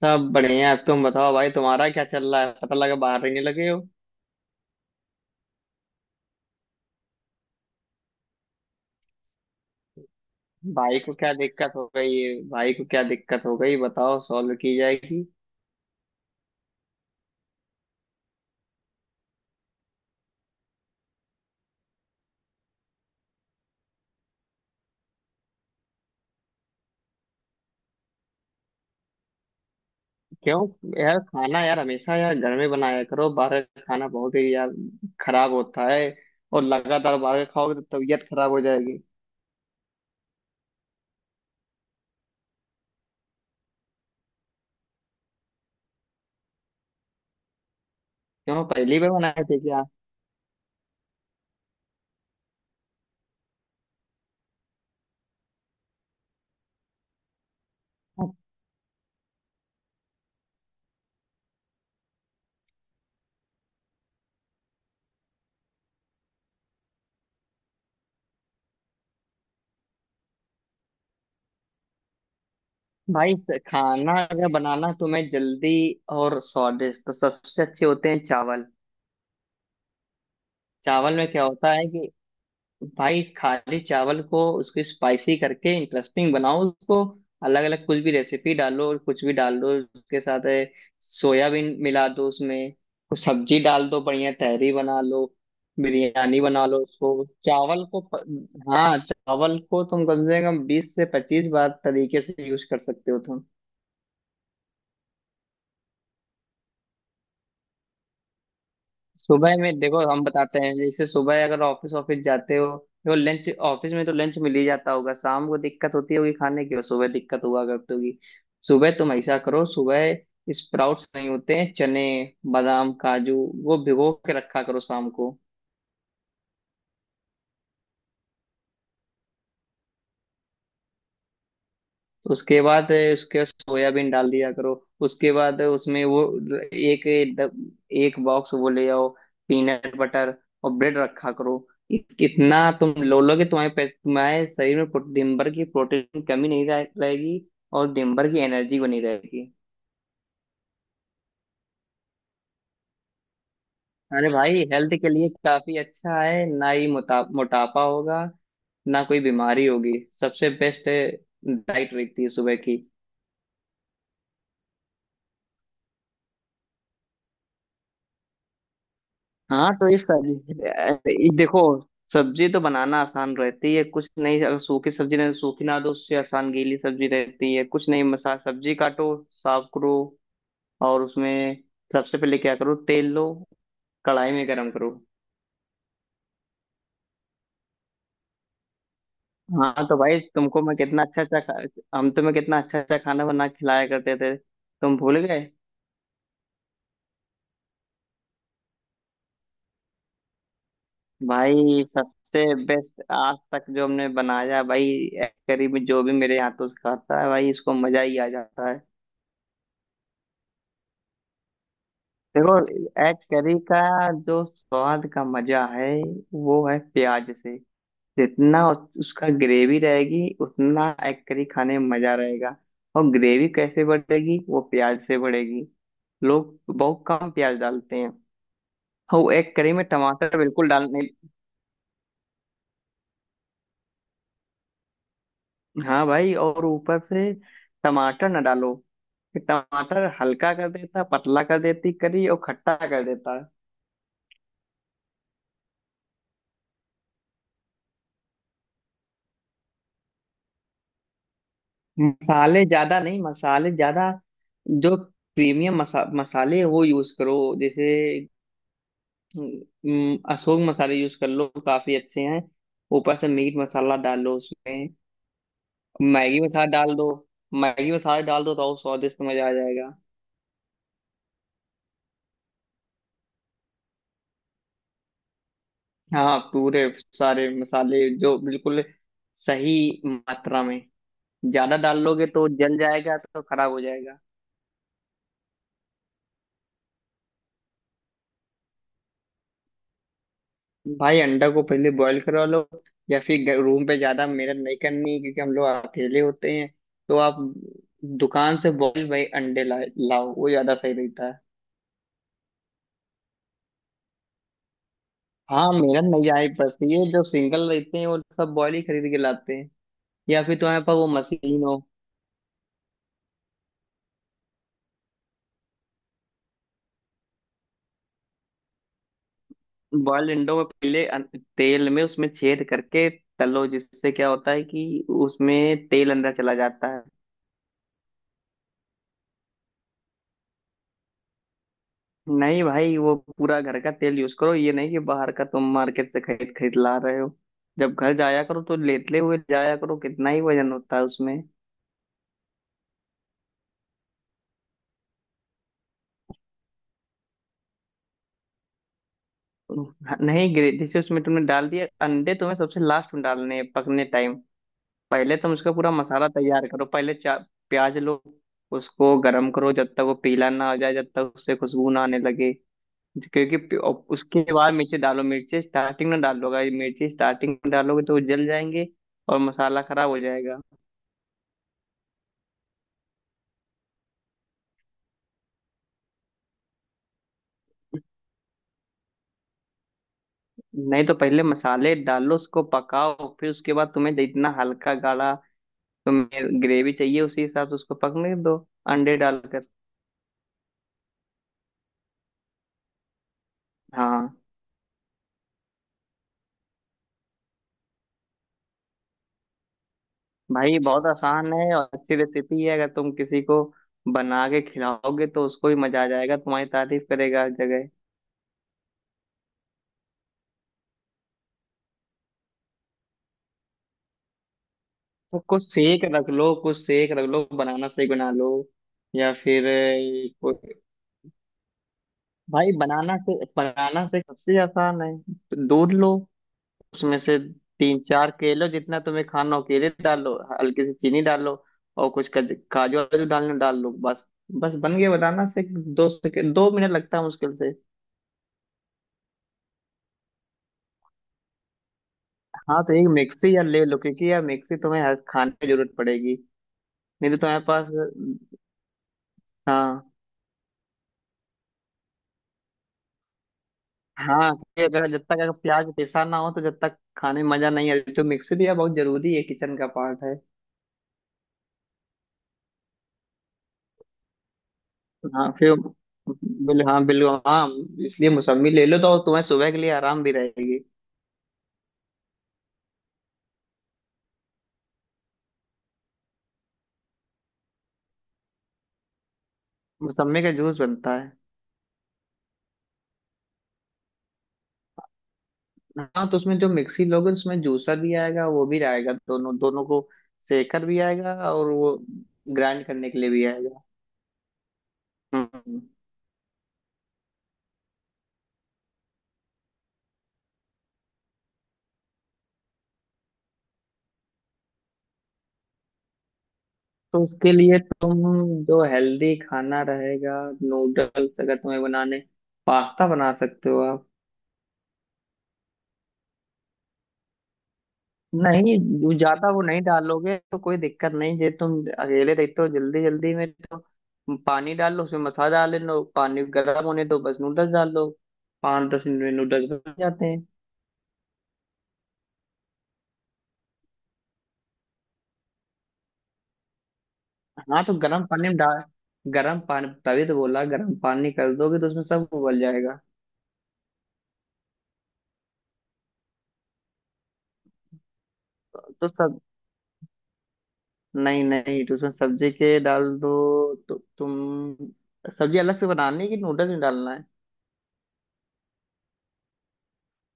सब बढ़िया। अब तुम बताओ भाई, तुम्हारा क्या चल रहा है। पता लगा बाहर रहने लगे हो। भाई को क्या दिक्कत हो गई है? भाई को क्या दिक्कत हो गई बताओ, सॉल्व की जाएगी। क्यों? यार खाना यार हमेशा यार घर में बनाया करो। बाहर का खाना बहुत ही यार खराब होता है। और लगातार बाहर का खाओगे तो तबीयत खराब हो जाएगी। क्यों, पहली बार बनाए थे क्या? खाना अगर बनाना तुम्हें जल्दी और स्वादिष्ट, तो सबसे अच्छे होते हैं चावल। चावल में क्या होता है कि भाई खाली चावल को उसको स्पाइसी करके इंटरेस्टिंग बनाओ उसको। अलग अलग कुछ भी रेसिपी डालो और कुछ भी डाल दो उसके साथ है, सोयाबीन मिला दो उसमें। कुछ सब्जी डाल दो, बढ़िया तहरी बना लो। बिरयानी बना लो उसको, चावल को। हाँ, चावल को तुम कम से कम 20 से 25 बार तरीके से यूज कर सकते हो तुम। सुबह में देखो हम बताते हैं, जैसे सुबह अगर ऑफिस ऑफिस जाते हो। देखो, लंच ऑफिस में तो लंच मिल ही जाता होगा, शाम को दिक्कत होती होगी खाने की, और सुबह दिक्कत हुआ करती होगी। सुबह तुम ऐसा करो, सुबह स्प्राउट्स नहीं होते हैं, चने, बादाम, काजू, वो भिगो के रखा करो शाम को। उसके बाद उसके सोयाबीन डाल दिया करो। उसके बाद उसमें वो एक एक बॉक्स वो ले आओ, पीनट बटर और ब्रेड रखा करो। कितना तुम लो लोगे, तुम्हारे तुम्हारे शरीर में दिन भर की प्रोटीन की कमी नहीं रहेगी। और दिन भर की एनर्जी बनी रहेगी। अरे भाई, हेल्थ के लिए काफी अच्छा है। ना ही मोटापा होगा, ना कोई बीमारी होगी। सबसे बेस्ट डाइट रहती है सुबह की। हाँ तो ये सब्जी देखो। सब्जी तो बनाना आसान रहती है, कुछ नहीं। अगर सूखी सब्जी नहीं, सूखी ना दो, उससे आसान गीली सब्जी रहती है। कुछ नहीं, मसा सब्जी काटो, साफ करो। और उसमें सबसे पहले क्या करो, तेल लो, कढ़ाई में गरम करो। हाँ तो भाई तुमको मैं कितना अच्छा अच्छा हम तुम्हें कितना अच्छा अच्छा खाना बना के खिलाया करते थे, तुम भूल गए। भाई सबसे बेस्ट आज तक जो हमने बनाया। भाई करीब जो भी मेरे हाथों से खाता है, भाई इसको मजा ही आ जाता है। देखो, एग करी का जो स्वाद का मजा है, वो है प्याज से। जितना उसका ग्रेवी रहेगी, उतना एग करी खाने में मजा रहेगा। और ग्रेवी कैसे बढ़ेगी, वो प्याज से बढ़ेगी। लोग बहुत कम प्याज डालते हैं। और वो एग करी में टमाटर बिल्कुल डालने। हाँ भाई, और ऊपर से टमाटर ना डालो। टमाटर हल्का कर देता, पतला कर देती करी, और खट्टा कर देता। मसाले ज्यादा नहीं, मसाले ज्यादा, जो प्रीमियम मसाले हैं, वो यूज करो। जैसे अशोक मसाले यूज कर लो, काफी अच्छे हैं। ऊपर से मीट मसाला डाल लो उसमें। मैगी मसाला डाल दो। मैगी मसाला डाल दो तो और स्वादिष्ट, मजा आ जाएगा। हाँ, पूरे सारे मसाले जो बिल्कुल सही मात्रा में। ज्यादा डाल लोगे तो जल जाएगा, तो खराब हो जाएगा। भाई अंडा को पहले बॉईल करवा लो, या फिर रूम पे। ज्यादा मेहनत नहीं करनी, क्योंकि हम लोग अकेले होते हैं। तो आप दुकान से बॉईल भाई अंडे लाए लाओ, वो ज्यादा सही रहता है। हाँ, मेहनत नहीं जानी पड़ती है। जो सिंगल रहते हैं, वो सब बॉईल ही खरीद के लाते हैं। या फिर तुम्हारे पास वो मशीन हो। बॉइल्ड अंडों को पहले तेल में उसमें छेद करके तलो, जिससे क्या होता है कि उसमें तेल अंदर चला जाता है। नहीं भाई, वो पूरा घर का तेल यूज करो। ये नहीं कि बाहर का तुम मार्केट से खरीद खरीद ला रहे हो। जब घर जाया करो तो लेटले हुए जाया करो, कितना ही वजन होता है उसमें। नहीं गिरे, जैसे उसमें तुमने डाल दिया अंडे, तुम्हें सबसे लास्ट में डालने हैं, पकने टाइम। पहले तुम उसका पूरा मसाला तैयार करो। पहले चा प्याज लो, उसको गरम करो, जब तक वो पीला ना हो जाए, जब तक उससे खुशबू ना आने लगे। और उसके बाद मिर्ची डालो। मिर्ची स्टार्टिंग में डालोगे, मिर्ची स्टार्टिंग में डालोगे तो वो जल जाएंगे और मसाला खराब हो जाएगा। नहीं, तो पहले मसाले डालो, उसको पकाओ, फिर उसके बाद तुम्हें जितना हल्का गाढ़ा तुम्हें ग्रेवी चाहिए, उसी हिसाब से उसको पकने दो, अंडे डालकर। हाँ भाई, बहुत आसान है और अच्छी रेसिपी है। अगर तुम किसी को बना के खिलाओगे तो उसको भी मजा आ जाएगा, तुम्हारी तारीफ करेगा हर जगह। तो कुछ सेक रख लो, कुछ सेक रख लो, बनाना शेक बना लो। या फिर भाई बनाना से, सबसे आसान है। दूध लो, उसमें से तीन चार केलो, जितना तुम्हें खाना हो केले डाल लो, हल्की सी चीनी डाल लो, और कुछ काजू वाजू डालना, डाल लो बस। बस बन गया बताना से। 2 सेकेंड, 2 मिनट लगता है मुश्किल से। हाँ तो एक मिक्सी यार ले लो, क्योंकि यार मिक्सी तुम्हें हर खाने की जरूरत पड़ेगी। नहीं तो तुम्हारे पास, हाँ हाँ, क्योंकि अगर जब तक अगर प्याज पिसा ना हो तो जब तक खाने में मजा नहीं आ रही। तो मिक्सी भी यार बहुत जरूरी है, किचन का पार्ट है। हाँ फिर बिल हाँ, बिल्कुल, हाँ। इसलिए मौसम्मी ले लो, तो तुम्हें सुबह के लिए आराम भी रहेगी। मौसम्मी का जूस बनता है। हाँ, तो उसमें जो मिक्सी लोगे उसमें जूसर भी आएगा, वो भी आएगा, दोनों दोनों को सेकर भी आएगा, और वो ग्राइंड करने के लिए भी आएगा। हम्म तो उसके लिए तुम, जो हेल्दी खाना रहेगा, नूडल्स अगर तुम्हें बनाने, पास्ता बना सकते हो आप। नहीं, जो ज्यादा वो नहीं डालोगे तो कोई दिक्कत नहीं। जे तुम अकेले रहते हो जल्दी जल्दी में, तो पानी डाल लो, उसमें मसाला डाल लो, पानी गर्म होने दो, बस नूडल्स डाल लो। 5-10 मिनट में नूडल्स बन जाते हैं। हाँ तो गर्म पानी में डाल, गर्म पानी, तभी तो बोला। गर्म पानी कर दोगे तो उसमें सब उबल जाएगा। तो सब, नहीं नहीं, तो उसमें सब्जी के डाल दो। तो तुम सब्जी अलग से बनानी है कि नूडल्स में डालना है।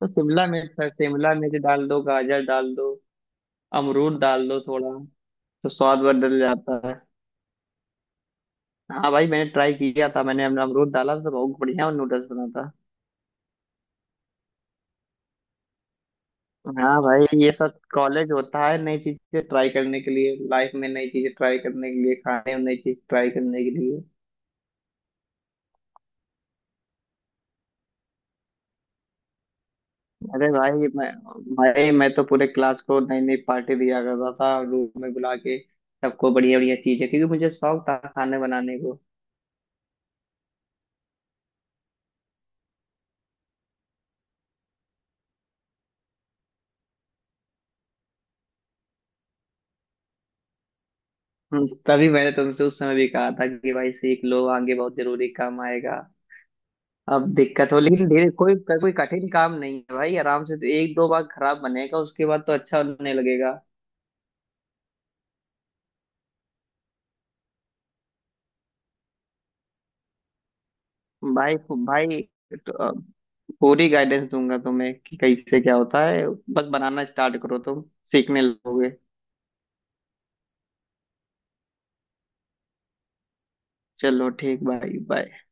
तो शिमला मिर्च है, शिमला मिर्च डाल दो, गाजर डाल दो, अमरूद डाल दो थोड़ा, तो स्वाद बदल जाता है। हाँ भाई, मैंने ट्राई किया था, मैंने अपना अमरूद डाला था, तो बहुत बढ़िया नूडल्स बना था। हाँ भाई, ये सब कॉलेज होता है, नई चीजें ट्राई करने के लिए, लाइफ में नई चीजें ट्राई करने के लिए, खाने में नई चीज ट्राई करने के लिए। अरे भाई, मैं तो पूरे क्लास को नई नई पार्टी दिया करता था, रूम में बुला के सबको बढ़िया बढ़िया चीजें, क्योंकि मुझे शौक था खाने बनाने को। तभी मैंने तुमसे उस समय भी कहा था कि भाई सीख लो, आगे बहुत जरूरी काम आएगा। अब दिक्कत हो, लेकिन धीरे कोई कोई कठिन काम नहीं है भाई। आराम से, तो एक दो बार खराब बनेगा, उसके बाद तो अच्छा होने लगेगा। भाई भाई तो, पूरी गाइडेंस दूंगा तुम्हें कि कैसे क्या होता है। बस बनाना स्टार्ट करो तुम, सीखने लगोगे। चलो ठीक भाई, बाय।